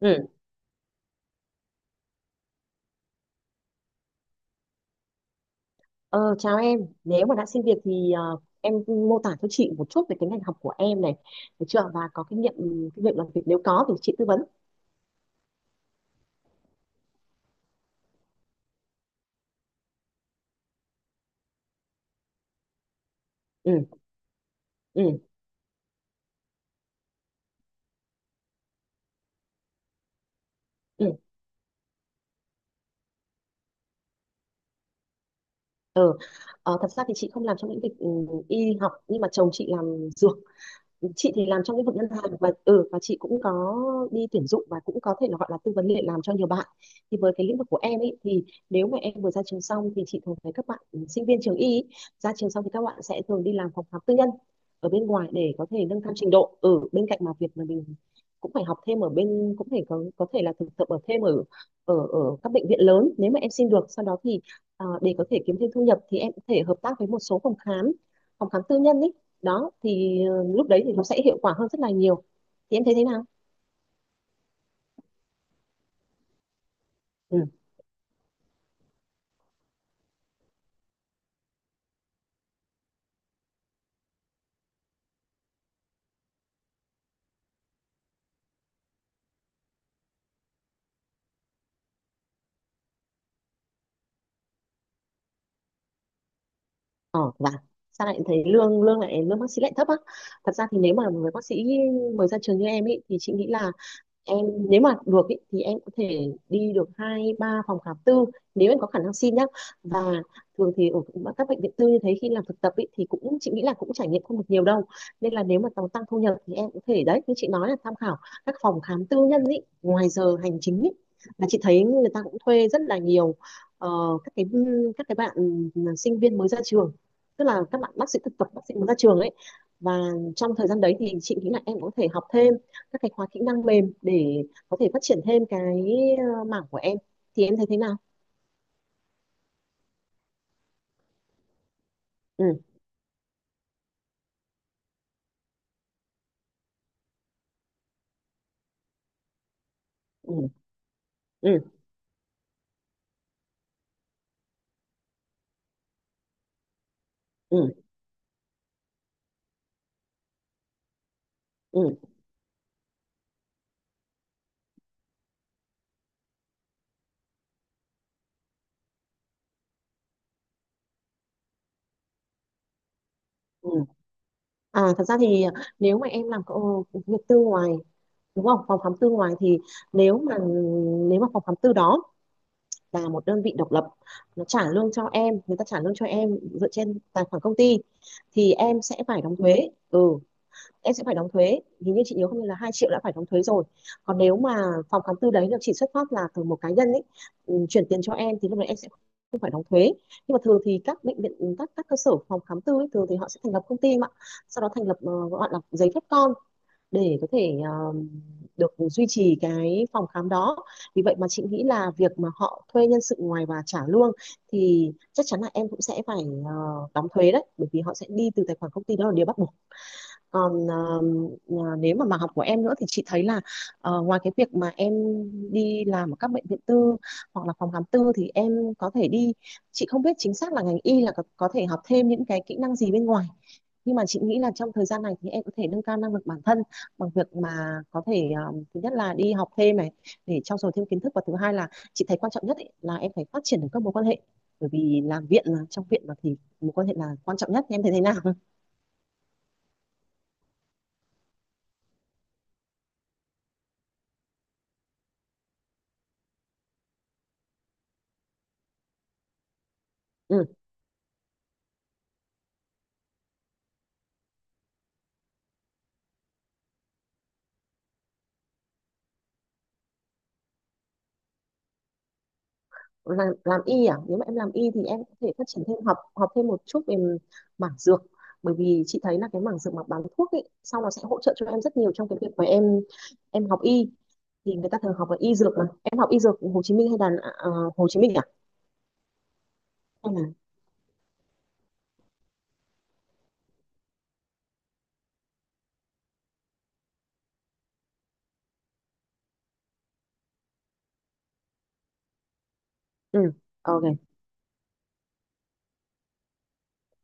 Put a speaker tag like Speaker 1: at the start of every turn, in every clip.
Speaker 1: Ừ, ờ, chào em. Nếu mà đã xin việc thì em mô tả cho chị một chút về cái ngành học của em này, được chưa? Và có kinh nghiệm kinh nghiệm làm việc nếu có thì chị tư vấn. Ừ, ừ, ừ. Ờ, thật ra thì chị không làm trong lĩnh vực y học nhưng mà chồng chị làm dược. Chị thì làm trong lĩnh vực ngân hàng và chị cũng có đi tuyển dụng và cũng có thể là gọi là tư vấn việc làm cho nhiều bạn. Thì với cái lĩnh vực của em ấy thì nếu mà em vừa ra trường xong thì chị thường thấy các bạn sinh viên trường y ý, ra trường xong thì các bạn sẽ thường đi làm phòng khám tư nhân ở bên ngoài để có thể nâng cao trình độ ở bên cạnh mà việc mà mình cũng phải học thêm ở bên, cũng phải có thể là thực tập ở thêm ở ở ở các bệnh viện lớn nếu mà em xin được. Sau đó thì để có thể kiếm thêm thu nhập thì em có thể hợp tác với một số phòng khám tư nhân ý. Đó thì lúc đấy thì nó sẽ hiệu quả hơn rất là nhiều, thì em thấy thế nào? Ừ. Ờ, và sao lại thấy lương lương lại lương bác sĩ lại thấp á? Thật ra thì nếu mà một người bác sĩ mới ra trường như em ý, thì chị nghĩ là em nếu mà được ý, thì em có thể đi được hai ba phòng khám tư nếu em có khả năng xin nhá. Và thường thì ở các bệnh viện tư như thế khi làm thực tập ý, thì cũng chị nghĩ là cũng trải nghiệm không được nhiều đâu, nên là nếu mà tăng tăng thu nhập thì em có thể đấy như chị nói là tham khảo các phòng khám tư nhân ý, ngoài giờ hành chính ý. Và chị thấy người ta cũng thuê rất là nhiều ờ, các cái các cái bạn sinh viên mới ra trường, tức là các bạn bác sĩ mới ra trường ấy. Và trong thời gian đấy thì chị nghĩ là em có thể học thêm các cái khóa kỹ năng mềm để có thể phát triển thêm cái mảng của em, thì em thấy thế nào? ừ ừ ừ ừ ừ, ừ. Thật ra thì nếu mà em việc tư ngoài, đúng không, phòng khám tư ngoài thì nếu mà nếu mà phòng khám tư đó là một đơn vị độc lập, nó trả lương cho em người ta trả lương cho em dựa trên tài khoản công ty thì em sẽ phải đóng thuế. Ừ, em sẽ phải đóng thuế. Hình như chị nhớ không nhầm là 2 triệu đã phải đóng thuế rồi. Còn nếu mà phòng khám tư đấy là chỉ xuất phát là từ một cá nhân ấy, chuyển tiền cho em thì lúc đấy em sẽ không phải đóng thuế. Nhưng mà thường thì các bệnh viện, các cơ sở phòng khám tư ấy, thường thì họ sẽ thành lập công ty mà sau đó thành lập gọi là giấy phép con để có thể được duy trì cái phòng khám đó. Vì vậy mà chị nghĩ là việc mà họ thuê nhân sự ngoài và trả lương thì chắc chắn là em cũng sẽ phải ờ, đóng thuế đấy, bởi vì họ sẽ đi từ tài khoản công ty, đó là điều bắt buộc. Còn mà nếu mà mảng học của em nữa thì chị thấy là ngoài cái việc mà em đi làm ở các bệnh viện tư hoặc là phòng khám tư thì em có thể đi, chị không biết chính xác là ngành y là có thể học thêm những cái kỹ năng gì bên ngoài, nhưng mà chị nghĩ là trong thời gian này thì em có thể nâng cao năng lực bản thân bằng việc mà có thể thứ nhất là đi học thêm này để trau dồi thêm kiến thức, và thứ hai là chị thấy quan trọng nhất ấy, là em phải phát triển được các mối quan hệ, bởi vì làm viện là trong viện mà thì mối quan hệ là quan trọng nhất. Em thấy thế nào? Làm y à? Nếu mà em làm y thì em có thể phát triển thêm học học thêm một chút về mảng dược, bởi vì chị thấy là cái mảng dược mà bán thuốc ấy sau nó sẽ hỗ trợ cho em rất nhiều trong cái việc mà em học y. Thì người ta thường học là y dược mà, em học y dược Hồ Chí Minh hay là Hồ Chí Minh à, hay là ừ ok?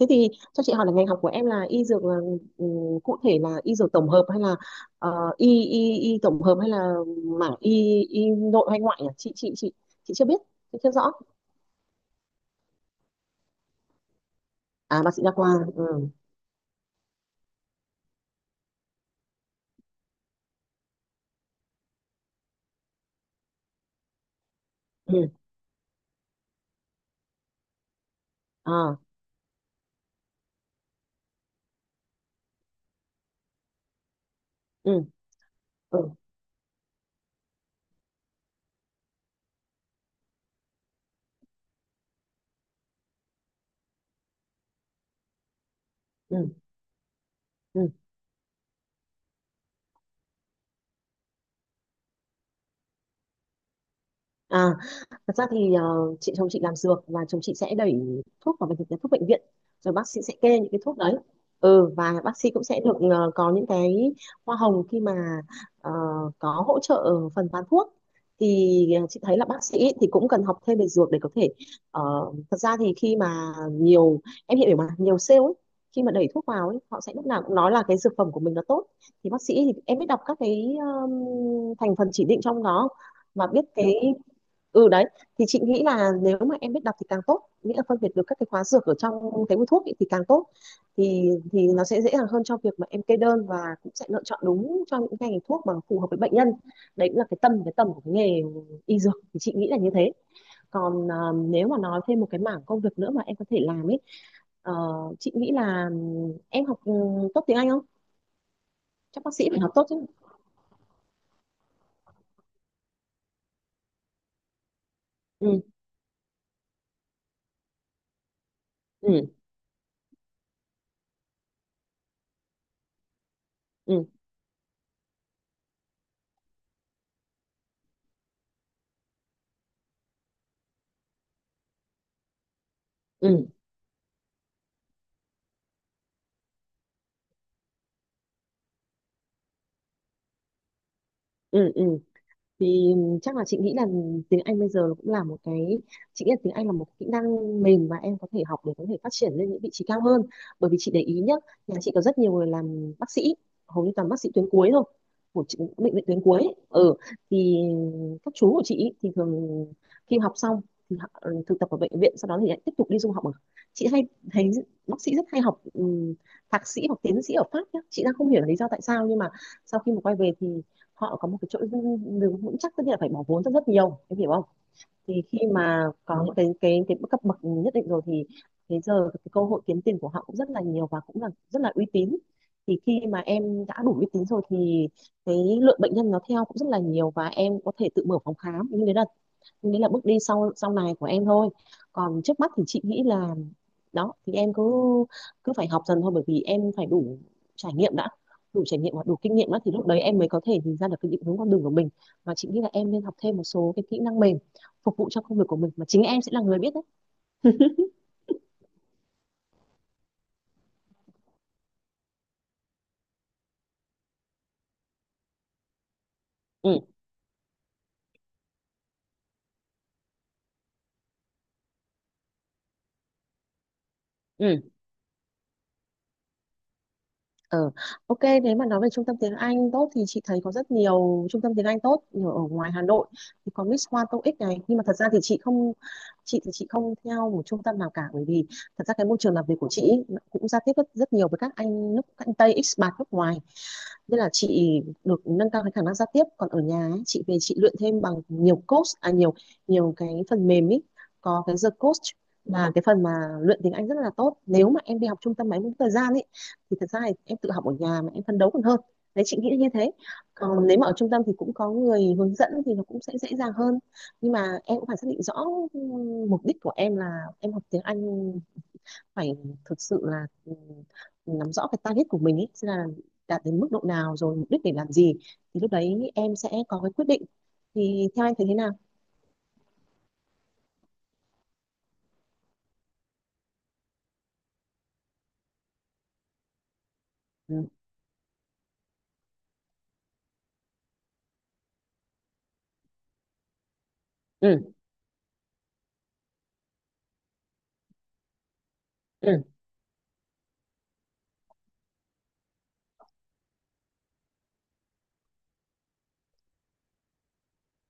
Speaker 1: Thế thì cho chị hỏi là ngành học của em là y dược là ừ, cụ thể là y dược tổng hợp, hay là ờ, y y y tổng hợp, hay là mảng y y nội hay ngoại nhỉ? Chị chưa biết, chị chưa rõ. À, bác sĩ đa khoa. ừ. ừ à ừ ừ ừ ừ À, thật ra thì chồng chị làm dược và chồng chị sẽ đẩy thuốc vào bệnh viện, thuốc bệnh viện, rồi bác sĩ sẽ kê những cái thuốc đấy. Ừ, và bác sĩ cũng sẽ được có những cái hoa hồng khi mà ờ, có hỗ trợ phần bán thuốc. Thì chị thấy là bác sĩ thì cũng cần học thêm về dược để có thể ờ, thật ra thì khi mà nhiều sale ấy, khi mà đẩy thuốc vào ấy, họ sẽ lúc nào cũng nói là cái dược phẩm của mình nó tốt. Thì bác sĩ thì em biết đọc các cái thành phần chỉ định trong đó mà biết cái đấy, thì chị nghĩ là nếu mà em biết đọc thì càng tốt, nghĩa là phân biệt được các cái hóa dược ở trong cái hút thuốc ấy thì càng tốt. Thì nó sẽ dễ dàng hơn cho việc mà em kê đơn, và cũng sẽ lựa chọn đúng cho những ngành thuốc mà phù hợp với bệnh nhân. Đấy cũng là cái tâm, cái tầm của cái nghề y dược, thì chị nghĩ là như thế. Còn à, nếu mà nói thêm một cái mảng công việc nữa mà em có thể làm ấy, ờ, chị nghĩ là em học tốt tiếng Anh không? Chắc bác sĩ phải học tốt chứ. Ừ, ừ, ừ, ừ, ừ, ừ. Thì chắc là chị nghĩ là tiếng Anh bây giờ cũng là một cái, chị nghĩ là tiếng Anh là một kỹ năng mềm mà em có thể học để có thể phát triển lên những vị trí cao hơn. Bởi vì chị để ý nhá, nhà chị có rất nhiều người làm bác sĩ, hầu như toàn bác sĩ tuyến cuối thôi, của chị, bệnh viện tuyến cuối ấy. Ừ, thì các chú của chị ý thì thường khi học xong thì họ, thực tập ở bệnh viện, sau đó thì lại tiếp tục đi du học ở, chị hay thấy bác sĩ rất hay học thạc sĩ hoặc tiến sĩ ở Pháp nhá. Chị đang không hiểu lý do tại sao, nhưng mà sau khi mà quay về thì họ có một cái chỗ đứng vững chắc, tất nhiên là phải bỏ vốn rất rất nhiều, em hiểu không? Thì khi mà có những cái cấp bậc nhất định rồi thì thế giờ cái cơ hội kiếm tiền của họ cũng rất là nhiều và cũng là rất là uy tín. Thì khi mà em đã đủ uy tín rồi thì cái lượng bệnh nhân nó theo cũng rất là nhiều, và em có thể tự mở phòng khám, nhưng đấy là nghĩ là bước đi sau sau này của em thôi. Còn trước mắt thì chị nghĩ là đó thì em cứ cứ phải học dần thôi, bởi vì em phải đủ trải nghiệm đã, đủ trải nghiệm và đủ kinh nghiệm đã thì lúc đấy em mới có thể nhìn ra được cái định hướng con đường của mình. Và chị nghĩ là em nên học thêm một số cái kỹ năng mềm phục vụ cho công việc của mình, mà chính em sẽ là người biết đấy. ừ ừ Ờ, ok, nếu mà nói về trung tâm tiếng Anh tốt thì chị thấy có rất nhiều trung tâm tiếng Anh tốt ở ở ngoài Hà Nội. Thì có Miss Hoa TOEIC này, nhưng mà thật ra thì chị thì chị không theo một trung tâm nào cả, bởi vì thật ra cái môi trường làm việc của chị ý nó cũng giao tiếp rất nhiều với các anh Tây expat nước ngoài, nên là chị được nâng cao cái khả năng giao tiếp. Còn ở nhà ấy, chị về chị luyện thêm bằng nhiều coach à nhiều nhiều cái phần mềm ấy, có cái The Coach là cái phần mà luyện tiếng Anh rất là tốt. Nếu mà em đi học trung tâm máy tính thời gian ấy thì thật ra thì em tự học ở nhà mà em phấn đấu còn hơn đấy, chị nghĩ như thế. Còn nếu mà ở trung tâm thì cũng có người hướng dẫn thì nó cũng sẽ dễ dàng hơn, nhưng mà em cũng phải xác định rõ ừ, mục đích của em là em học tiếng Anh phải thực sự là, nắm rõ cái target của mình ấy, xem là đạt đến mức độ nào rồi mục đích để làm gì, thì lúc đấy em sẽ có cái quyết định. Thì theo anh thấy thế nào? Ừ. Ừ. Ừ.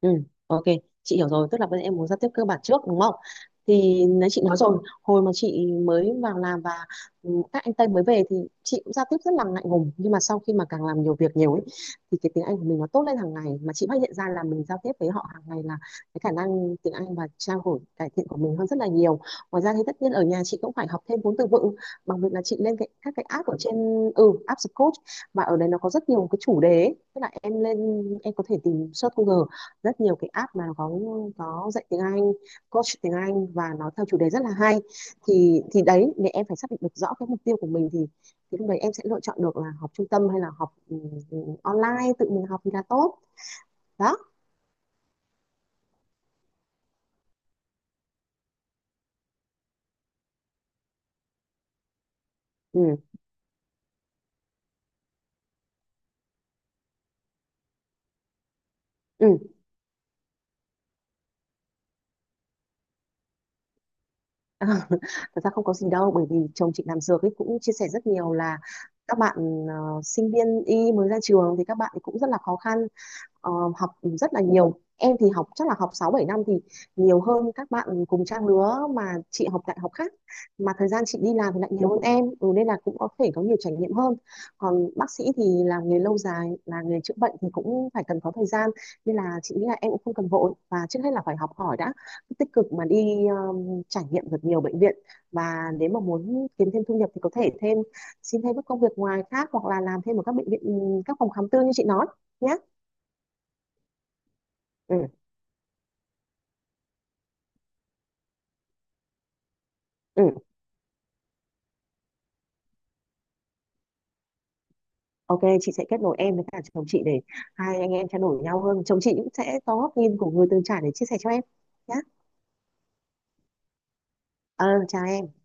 Speaker 1: Ừ, ok, chị hiểu rồi, tức là bây giờ em muốn giao tiếp cơ bản trước đúng không? Thì nãy chị nói rồi, hồi mà chị mới vào làm và các anh Tây mới về thì chị cũng giao tiếp rất là ngại ngùng, nhưng mà sau khi mà càng làm nhiều việc nhiều ấy thì cái tiếng Anh của mình nó tốt lên hàng ngày, mà chị phát hiện ra là mình giao tiếp với họ hàng ngày là cái khả năng tiếng Anh và trao đổi cải thiện của mình hơn rất là nhiều. Ngoài ra thì tất nhiên ở nhà chị cũng phải học thêm vốn từ vựng bằng việc là chị lên cái các cái app ở trên, app Coach, và ở đây nó có rất nhiều cái chủ đề ấy. Tức là em lên em có thể tìm search Google rất nhiều cái app mà có dạy tiếng Anh, coach tiếng Anh và nó theo chủ đề rất là hay. Thì đấy, để em phải xác định được rõ cái mục tiêu của mình thì lúc đấy em sẽ lựa chọn được là học trung tâm hay là học, online tự mình học thì là tốt. Đó. Ừ. Ừ. Ờ, thật ra không có gì đâu, bởi vì chồng chị làm dược ấy cũng chia sẻ rất nhiều là các bạn sinh viên y mới ra trường thì các bạn ấy cũng rất là khó khăn, học rất là nhiều. Em thì học chắc là học 6 7 năm thì nhiều hơn các bạn cùng trang lứa mà chị học đại học khác, mà thời gian chị đi làm thì lại nhiều hơn em, nên là cũng có thể có nhiều trải nghiệm hơn. Còn bác sĩ thì là nghề lâu dài, là nghề chữa bệnh thì cũng phải cần có thời gian, nên là chị nghĩ là em cũng không cần vội, và trước hết là phải học hỏi đã, tích cực mà đi trải nghiệm được nhiều bệnh viện. Và nếu mà muốn kiếm thêm thu nhập thì có thể xin thêm các công việc ngoài khác, hoặc là làm thêm ở các bệnh viện, các phòng khám tư như chị nói nhé. Ừ. Ừ, ok, chị sẽ kết nối em với cả chồng chị để hai anh em trao đổi nhau hơn, chồng chị cũng sẽ có góc nhìn của người từng trải để chia sẻ cho em nhé. Ờ, chào em.